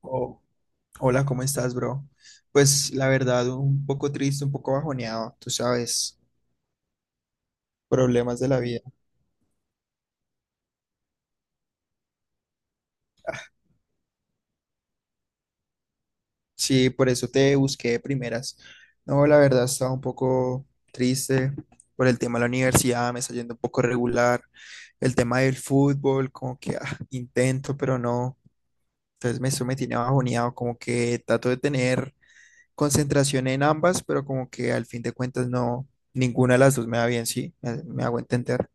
Oh, hola, ¿cómo estás, bro? Pues la verdad, un poco triste, un poco bajoneado, tú sabes, problemas de la vida. Sí, por eso te busqué de primeras. No, la verdad, estaba un poco triste por el tema de la universidad, me está yendo un poco regular. El tema del fútbol, como que intento, pero no. Entonces eso me tiene bajoneado, como que trato de tener concentración en ambas, pero como que al fin de cuentas no, ninguna de las dos me va bien, sí, me hago entender.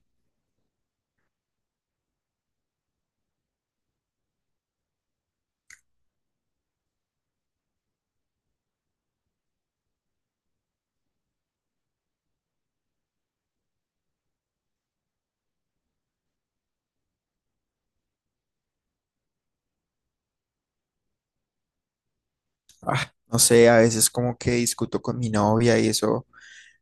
No sé, a veces como que discuto con mi novia y eso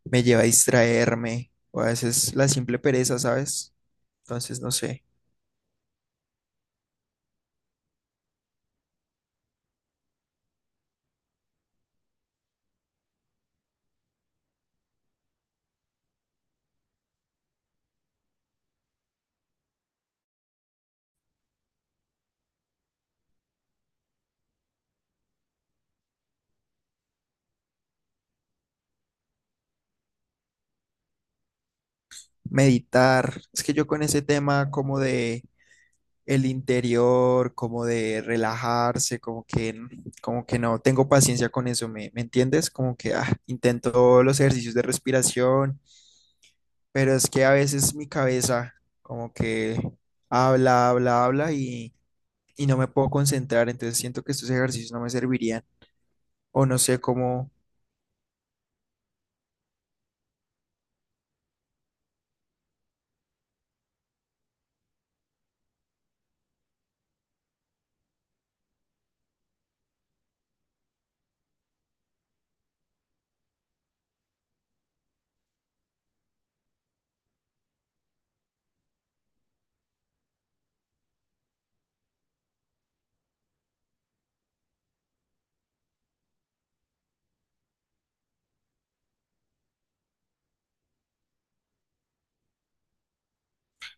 me lleva a distraerme, o a veces la simple pereza, ¿sabes? Entonces, no sé, meditar. Es que yo con ese tema como de el interior, como de relajarse, como que no tengo paciencia con eso, ¿me entiendes? Como que intento los ejercicios de respiración, pero es que a veces mi cabeza como que habla, habla, habla y no me puedo concentrar, entonces siento que estos ejercicios no me servirían. O no sé cómo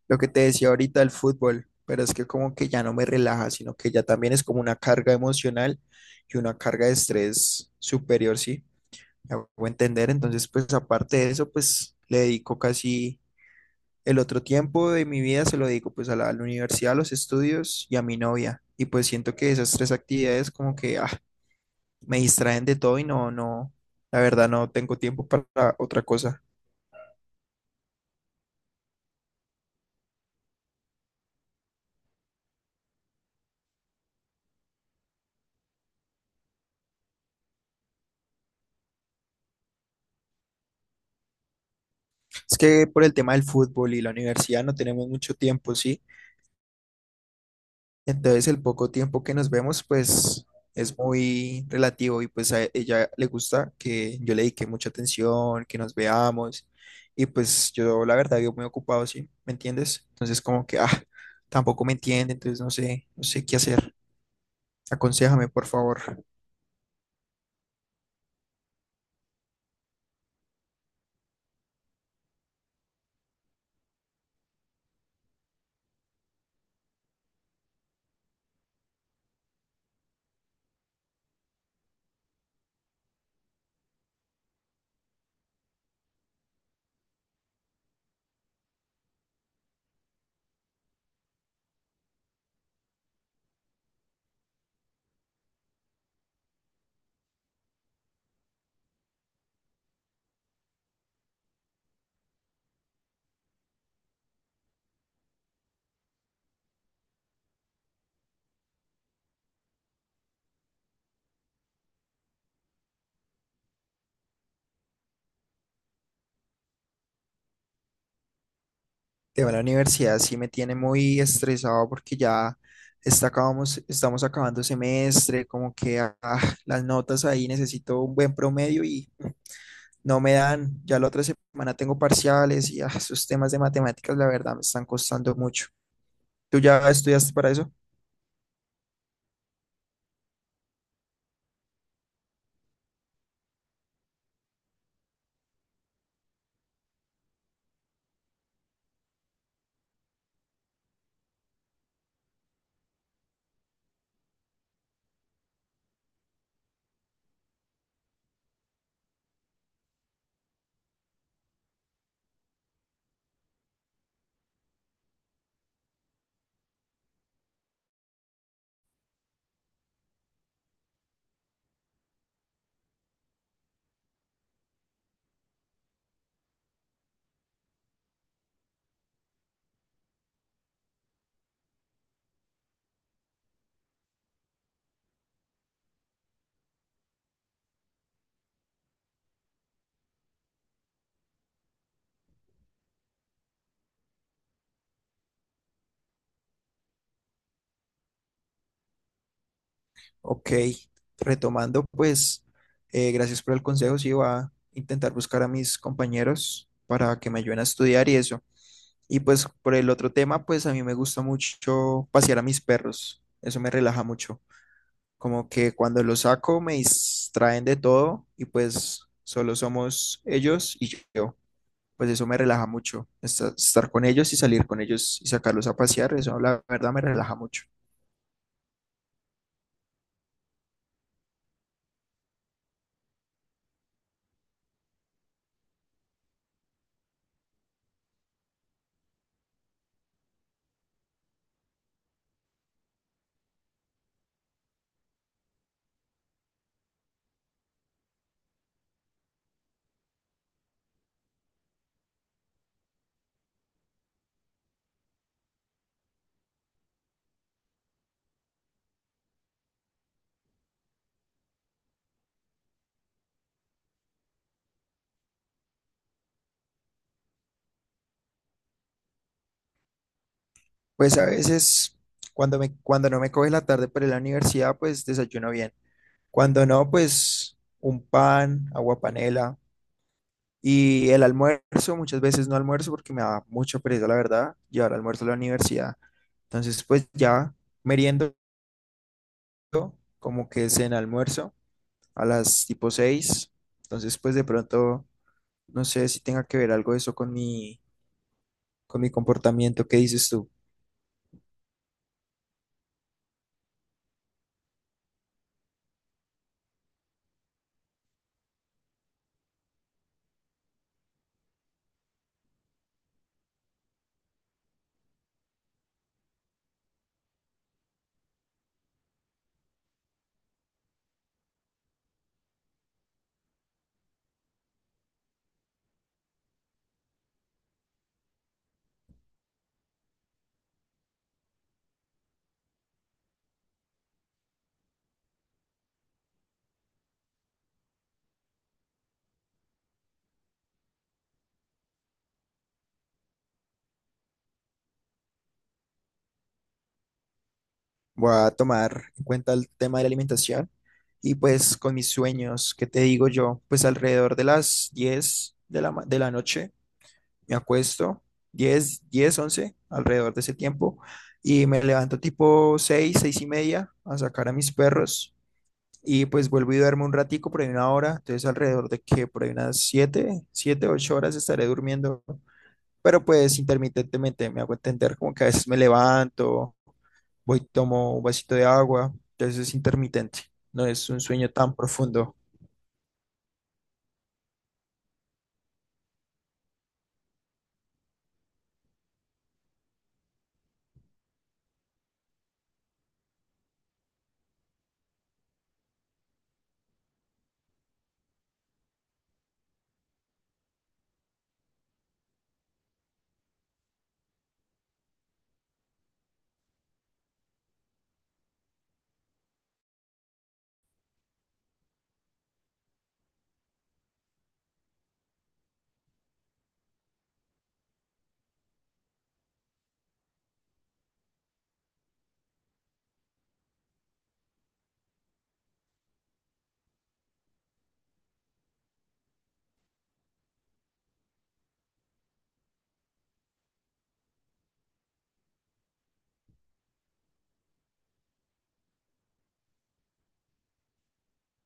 lo que te decía ahorita del fútbol, pero es que como que ya no me relaja, sino que ya también es como una carga emocional y una carga de estrés superior, ¿sí? Me hago entender, entonces pues aparte de eso, pues le dedico casi el otro tiempo de mi vida, se lo dedico pues a la universidad, a los estudios y a mi novia. Y pues siento que esas tres actividades como que me distraen de todo y no, no, la verdad no tengo tiempo para otra cosa. Es que por el tema del fútbol y la universidad no tenemos mucho tiempo, ¿sí? Entonces el poco tiempo que nos vemos, pues es muy relativo y pues a ella le gusta que yo le dedique mucha atención, que nos veamos y pues yo la verdad vivo muy ocupado, ¿sí? ¿Me entiendes? Entonces como que, tampoco me entiende, entonces no sé, no sé qué hacer. Aconséjame, por favor. Tema de la universidad sí me tiene muy estresado porque ya estamos acabando semestre, como que las notas ahí necesito un buen promedio y no me dan. Ya la otra semana tengo parciales y esos temas de matemáticas, la verdad, me están costando mucho. ¿Tú ya estudiaste para eso? Ok, retomando, pues, gracias por el consejo. Sí, voy a intentar buscar a mis compañeros para que me ayuden a estudiar y eso. Y pues por el otro tema, pues a mí me gusta mucho pasear a mis perros. Eso me relaja mucho. Como que cuando los saco me distraen de todo y pues solo somos ellos y yo. Pues eso me relaja mucho. Estar con ellos y salir con ellos y sacarlos a pasear, eso la verdad me relaja mucho. Pues a veces cuando no me coge la tarde para ir a la universidad, pues desayuno bien. Cuando no, pues un pan, agua panela. Y el almuerzo, muchas veces no almuerzo porque me da mucha pereza, la verdad, llevar almuerzo a la universidad. Entonces, pues ya meriendo como que es en almuerzo a las tipo 6. Entonces, pues de pronto, no sé si tenga que ver algo eso con mi comportamiento. ¿Qué dices tú? Voy a tomar en cuenta el tema de la alimentación y pues con mis sueños, ¿qué te digo yo? Pues alrededor de las 10 de la noche me acuesto, 10 10 11 alrededor de ese tiempo, y me levanto tipo 6 6:30 a sacar a mis perros y pues vuelvo y duermo un ratico por ahí una hora, entonces alrededor de que por ahí unas 7 7 8 horas estaré durmiendo, pero pues intermitentemente me hago entender como que a veces me levanto. Voy, tomo un vasito de agua, entonces es intermitente, no es un sueño tan profundo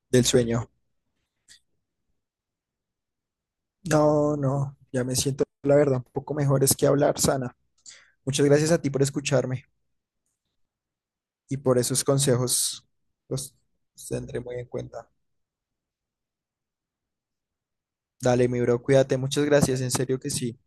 del sueño. No, no, ya me siento, la verdad, un poco mejor es que hablar sana. Muchas gracias a ti por escucharme y por esos consejos, los los tendré muy en cuenta. Dale, mi bro, cuídate, muchas gracias, en serio que sí.